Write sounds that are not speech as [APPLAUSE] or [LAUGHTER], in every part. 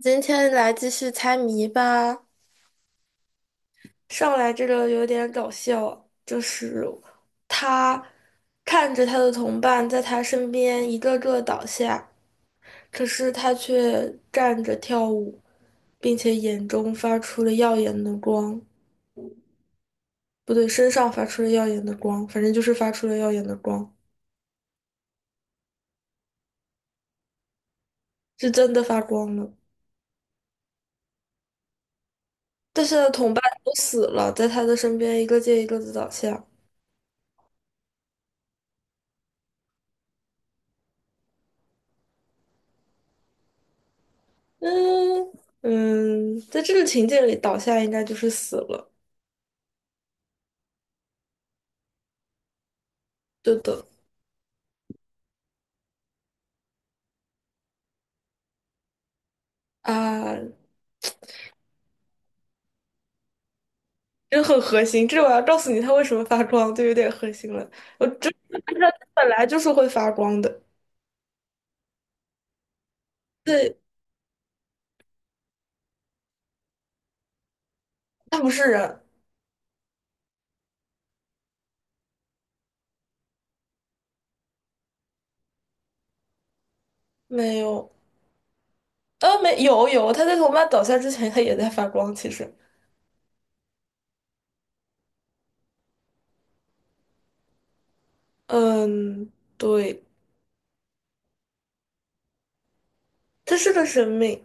今天来继续猜谜吧。上来这个有点搞笑，他看着他的同伴在他身边一个个倒下，可是他却站着跳舞，并且眼中发出了耀眼的光。不对，身上发出了耀眼的光，反正就是发出了耀眼的光，是真的发光了。但是他的同伴都死了，在他的身边一个接一个的倒下。嗯嗯，在这个情节里，倒下应该就是死了。对的啊，真很核心。这我要告诉你它为什么发光，就有点核心了。我真按照本来就是会发光的。对，它不是人，没有，没有,它在我妈倒下之前，它也在发光。其实，嗯，对，它是个生命，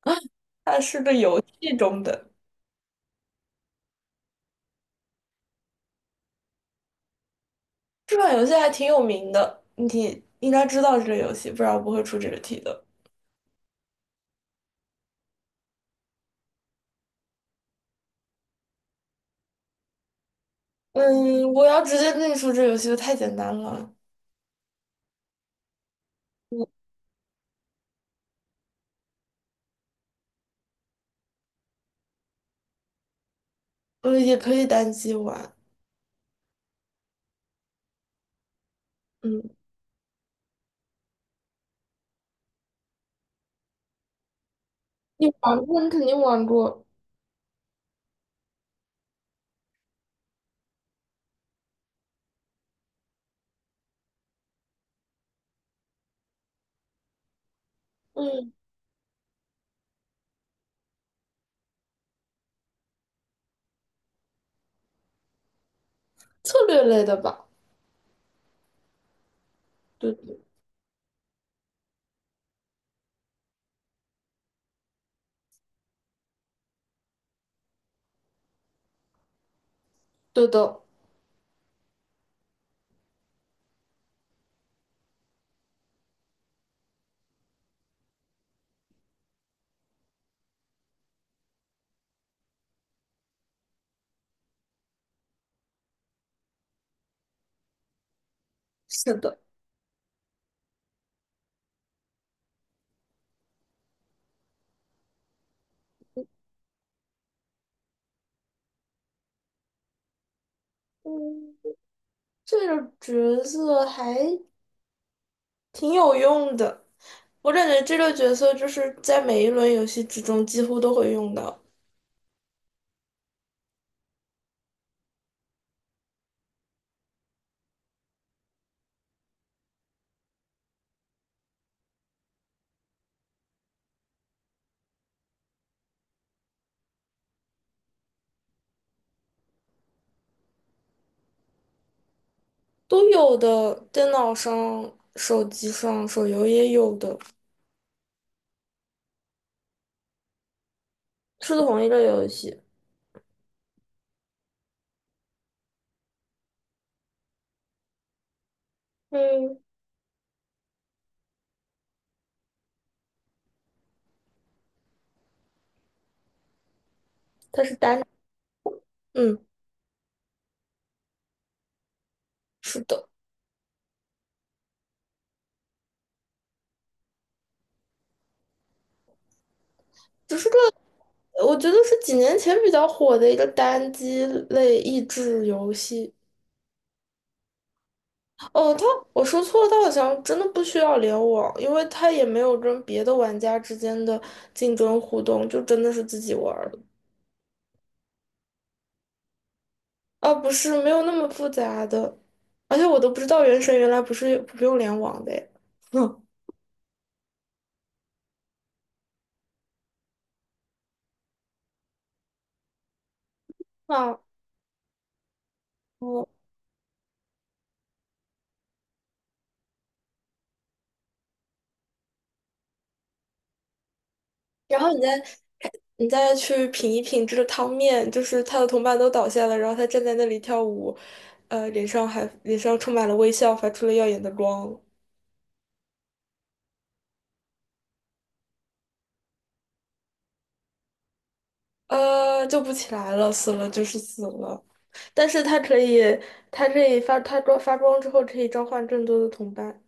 啊它是个游戏中的。这款游戏还挺有名的，你应该知道这个游戏，不然我不会出这个题的。嗯，我要直接跟你说，这游戏就太简单了。我也可以单机玩，嗯，你玩过，你肯定玩过，嗯，策略类的吧？对对的，是的，嗯，这个角色还挺有用的，我感觉这个角色就是在每一轮游戏之中几乎都会用到，都有的，电脑上、手机上、手游也有的，是同一个游戏，嗯，它是单，嗯，是的。只是个，我觉得是几年前比较火的一个单机类益智游戏。哦，我说错了，它好像真的不需要联网，因为它也没有跟别的玩家之间的竞争互动，就真的是自己玩儿的。啊，不是，没有那么复杂的，而且我都不知道原神原来不是不用联网的诶。[LAUGHS] 嗯，啊，哦，然后你再去品一品这个汤面，就是他的同伴都倒下了，然后他站在那里跳舞，脸上充满了微笑，发出了耀眼的光，呃，救不起来了，死了就是死了。但是他可以，他可以发光之后可以召唤更多的同伴，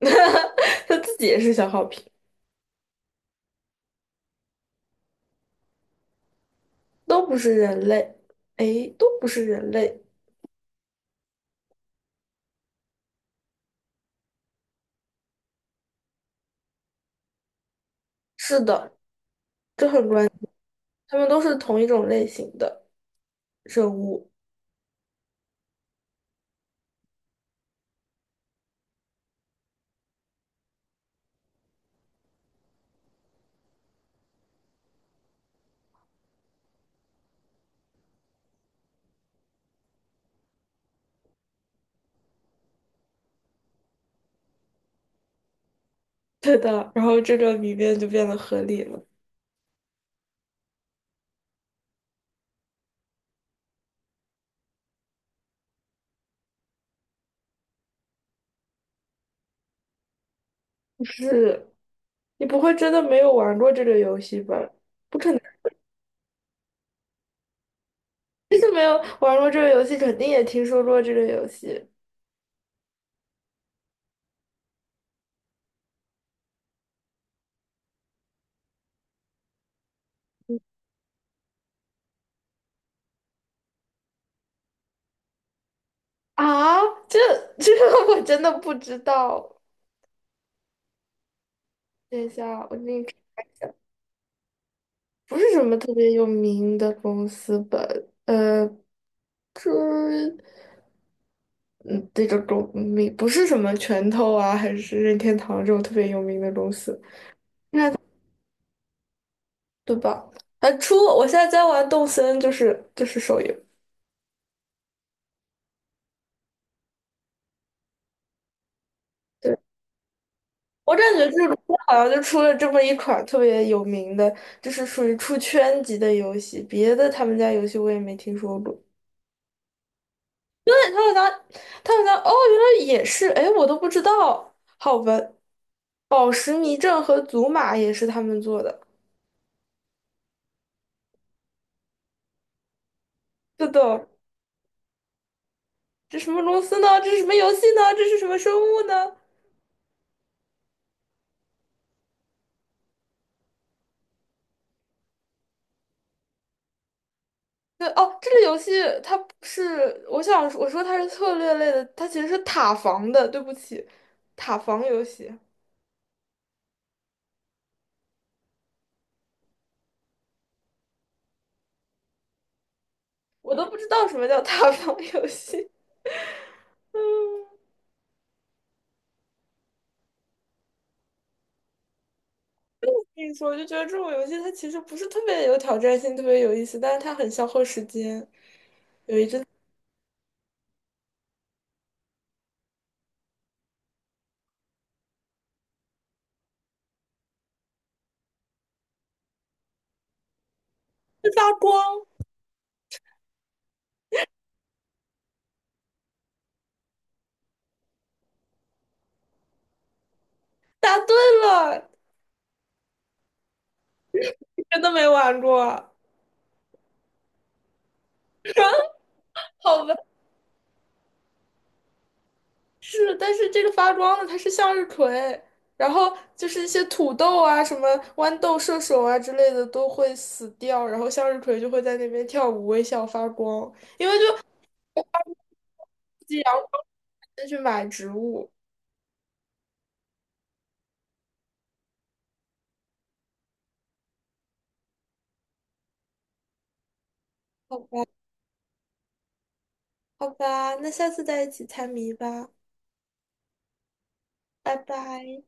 [LAUGHS] 他自己也是小好评，都不是人类，诶，都不是人类，是的，这很关，他们都是同一种类型的生物，[LAUGHS] 对的，然后这个谜面就变得合理了。是，你不会真的没有玩过这个游戏吧？不可能，真的没有玩过这个游戏，肯定也听说过这个游戏啊。这这个 [LAUGHS] 我真的不知道。等一下，我给你看一下，不是什么特别有名的公司吧？呃，这嗯，这个公名不是什么拳头啊，还是任天堂这种特别有名的公司，应该对吧？啊，出！我现在在玩动森，就是手游。对。我感觉这个公司好像就出了这么一款特别有名的，就是属于出圈级的游戏，别的他们家游戏我也没听说过。对，他们家哦，原来也是，哎，我都不知道。好吧，宝石迷阵和祖玛也是他们做的。是的，这什么公司呢？这是什么游戏呢？这是什么生物呢？对，哦，这个游戏它不是，我想我说它是策略类的，它其实是塔防的。对不起，塔防游戏。我都不知道什么叫塌房游戏。[LAUGHS] 我跟你说，我就觉得这种游戏它其实不是特别有挑战性，特别有意思，但是它很消耗时间。它发光，答对了，真的没玩过？好吧，是，但是这个发光的它是向日葵，然后就是一些土豆啊、什么豌豆射手啊之类的都会死掉，然后向日葵就会在那边跳舞、微笑、发光。估计阳光再去买植物。好吧，好吧，那下次再一起猜谜吧，拜拜。